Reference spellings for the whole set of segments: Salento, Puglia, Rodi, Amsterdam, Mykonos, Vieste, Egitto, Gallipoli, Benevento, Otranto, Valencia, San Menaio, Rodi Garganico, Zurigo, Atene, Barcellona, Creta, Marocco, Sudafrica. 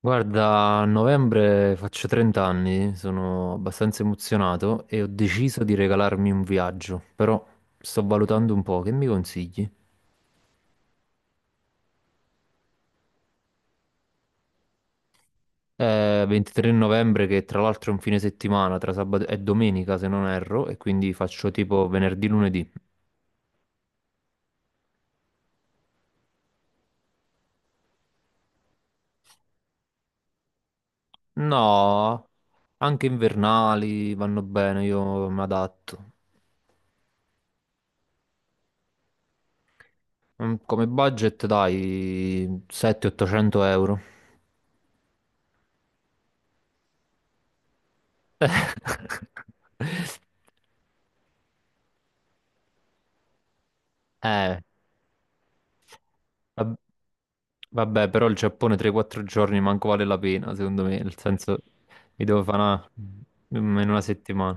Guarda, a novembre faccio 30 anni, sono abbastanza emozionato e ho deciso di regalarmi un viaggio, però sto valutando un po', che mi consigli? È 23 novembre, che tra l'altro è un fine settimana, tra sabato e domenica se non erro, e quindi faccio tipo venerdì, lunedì. No, anche invernali vanno bene, io mi adatto. Come budget dai 700-800 euro. Eh, Vab- Vabbè, però il Giappone 3-4 giorni manco vale la pena, secondo me, nel senso mi devo fare una- in una settimana.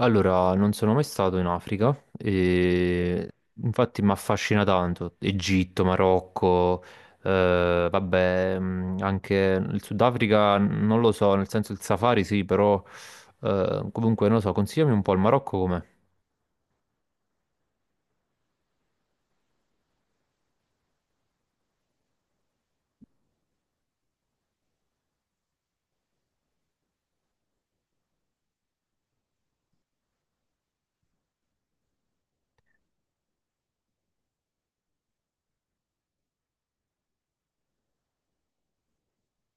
Allora, non sono mai stato in Africa e infatti mi affascina tanto Egitto, Marocco, vabbè, anche il Sudafrica non lo so, nel senso il safari sì, però comunque non lo so, consigliami un po' il Marocco com'è?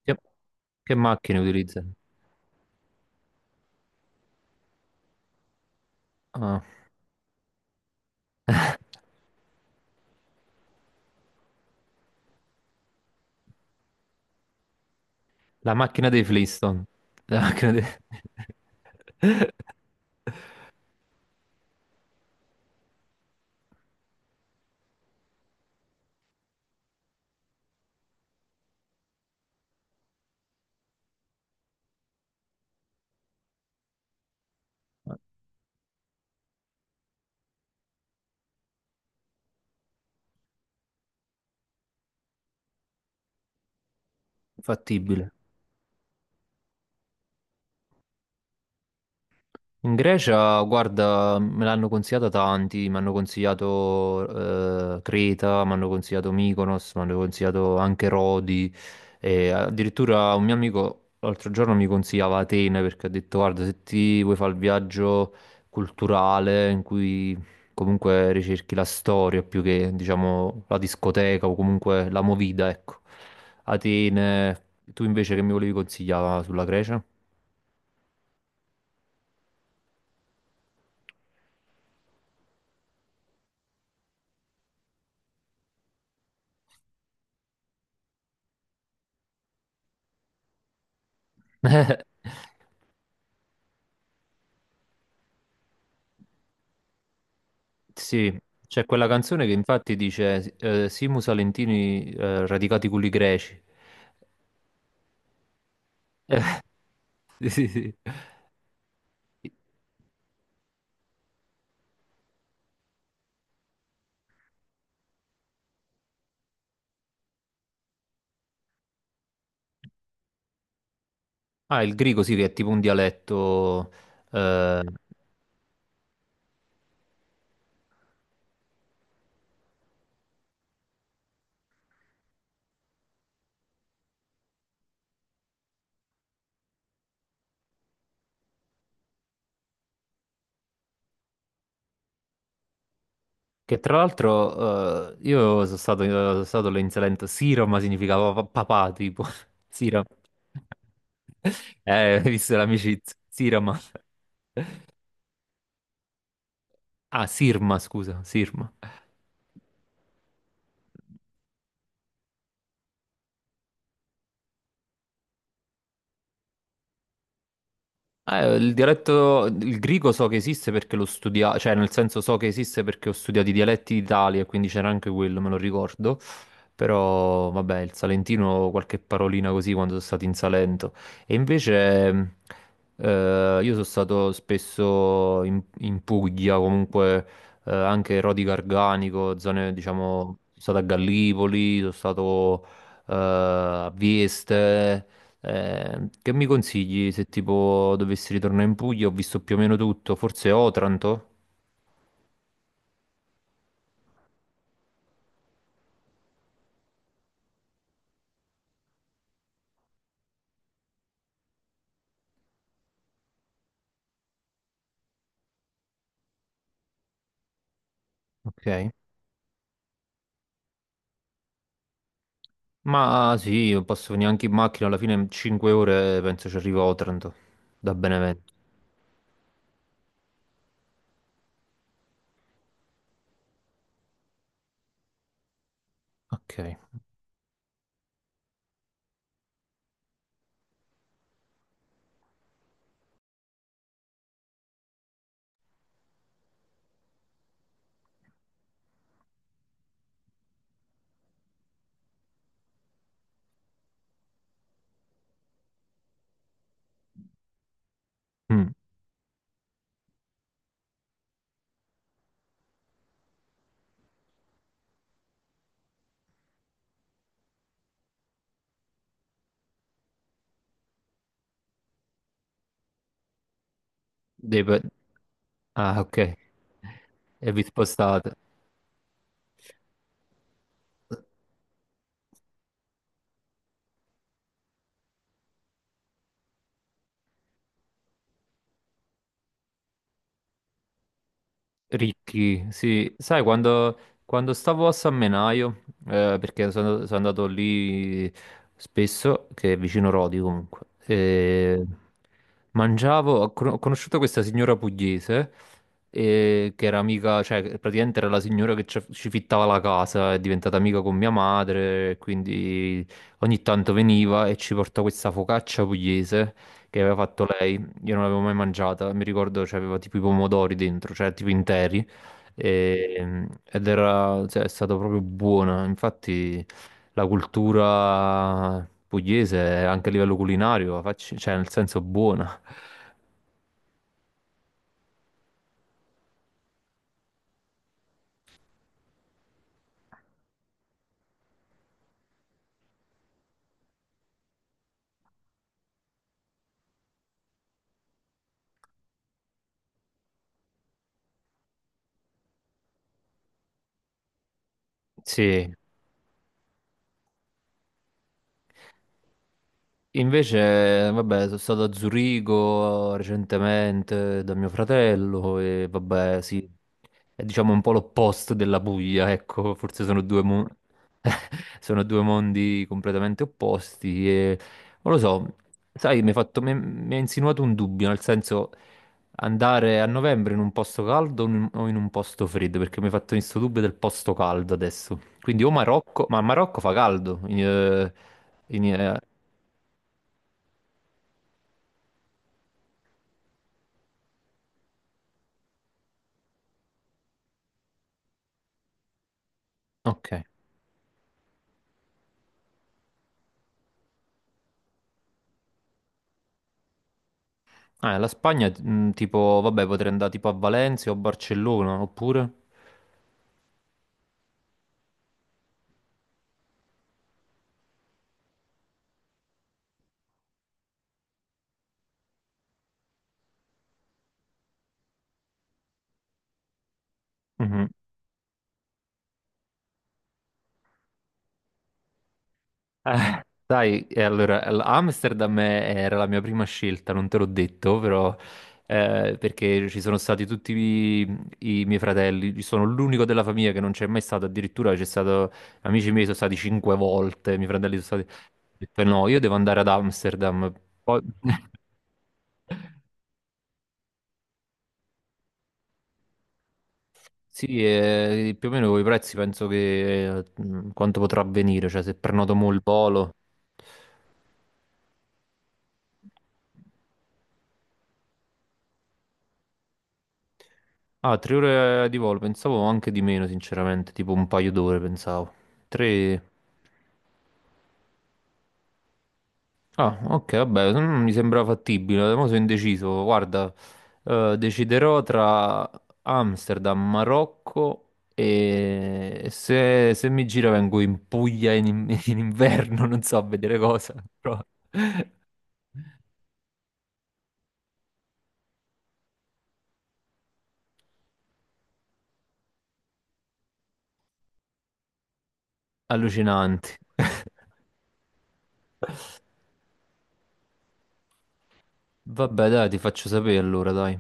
Che, che macchine utilizza? La macchina dei Flintstone. La macchina dei Fattibile. In Grecia, guarda, me l'hanno consigliata tanti, mi hanno consigliato Creta, mi hanno consigliato Mykonos, mi hanno consigliato anche Rodi e addirittura un mio amico l'altro giorno mi consigliava Atene perché ha detto guarda, se ti vuoi fare il viaggio culturale in cui comunque ricerchi la storia più che diciamo la discoteca o comunque la movida, ecco. Atene, tu invece che mi volevi consigliare sulla Grecia? Sì, c'è quella canzone che infatti dice Simus Salentini radicati culi greci. Eh, sì, sì, sì. Ah, il greco sì, che è tipo un dialetto eh, che tra l'altro io sono stato lì in Salento, Siroma significava papà, tipo, Siroma. Visto l'amicizia, Siroma. Ah, Sirma, scusa, Sirma. Ah, il dialetto, il greco so che esiste perché l'ho studiato, cioè nel senso so che esiste perché ho studiato i dialetti d'Italia, quindi c'era anche quello, me lo ricordo. Però vabbè, il salentino, qualche parolina così quando sono stato in Salento. E invece, io sono stato spesso in Puglia, comunque anche Rodi Garganico, zone diciamo, sono stato a Gallipoli, sono stato a Vieste. Che mi consigli se tipo dovessi ritornare in Puglia? Ho visto più o meno tutto, forse Otranto? Ok. Ma sì, non posso venire anche in macchina, alla fine in 5 ore penso ci arrivo a Otranto, da Benevento. Ok. Mm. Dei pe- Ah, ok. E vi spostate. Ricchi, sì, sai quando stavo a San Menaio, perché sono andato lì spesso, che è vicino Rodi comunque, e mangiavo, ho conosciuto questa signora pugliese, che era amica, cioè che praticamente era la signora che ci fittava la casa, è diventata amica con mia madre, quindi ogni tanto veniva e ci portava questa focaccia pugliese che aveva fatto lei. Io non l'avevo mai mangiata, mi ricordo c'aveva tipo i pomodori dentro, cioè tipo interi, ed era, cioè, è stata proprio buona. Infatti la cultura pugliese, anche a livello culinario, facci- cioè nel senso buona. Sì, invece, vabbè, sono stato a Zurigo recentemente da mio fratello e vabbè, sì, è diciamo un po' l'opposto della Puglia, ecco, forse sono due, mo- sono due mondi completamente opposti e non lo so, sai, mi hai fatto- mi- mi ha insinuato un dubbio, nel senso andare a novembre in un posto caldo o in un posto freddo, perché mi hai fatto questo dubbio del posto caldo adesso. Quindi o Marocco, ma a Marocco fa caldo. In- in- ok. Ah, la Spagna, tipo, vabbè, potrei andare tipo a Valencia o Barcellona, oppure? Mhm. Sai, e allora, Amsterdam era la mia prima scelta, non te l'ho detto, però, perché ci sono stati tutti i miei fratelli. Io sono l'unico della famiglia che non c'è mai stato, addirittura c'è stato, amici miei sono stati cinque volte, i miei fratelli sono stati. Ho detto, no, io devo andare ad Amsterdam, poi. Sì, più o meno con i prezzi penso che quanto potrà avvenire, cioè se prenoto mo il volo. Ah, 3 ore di volo, pensavo anche di meno, sinceramente, tipo un paio d'ore pensavo. Tre. Ah, ok, vabbè, mi sembra fattibile, mo sono indeciso, guarda, deciderò tra Amsterdam, Marocco e se mi gira vengo in Puglia in inverno, non so a vedere cosa, però allucinanti. Vabbè, dai, ti faccio sapere allora, dai.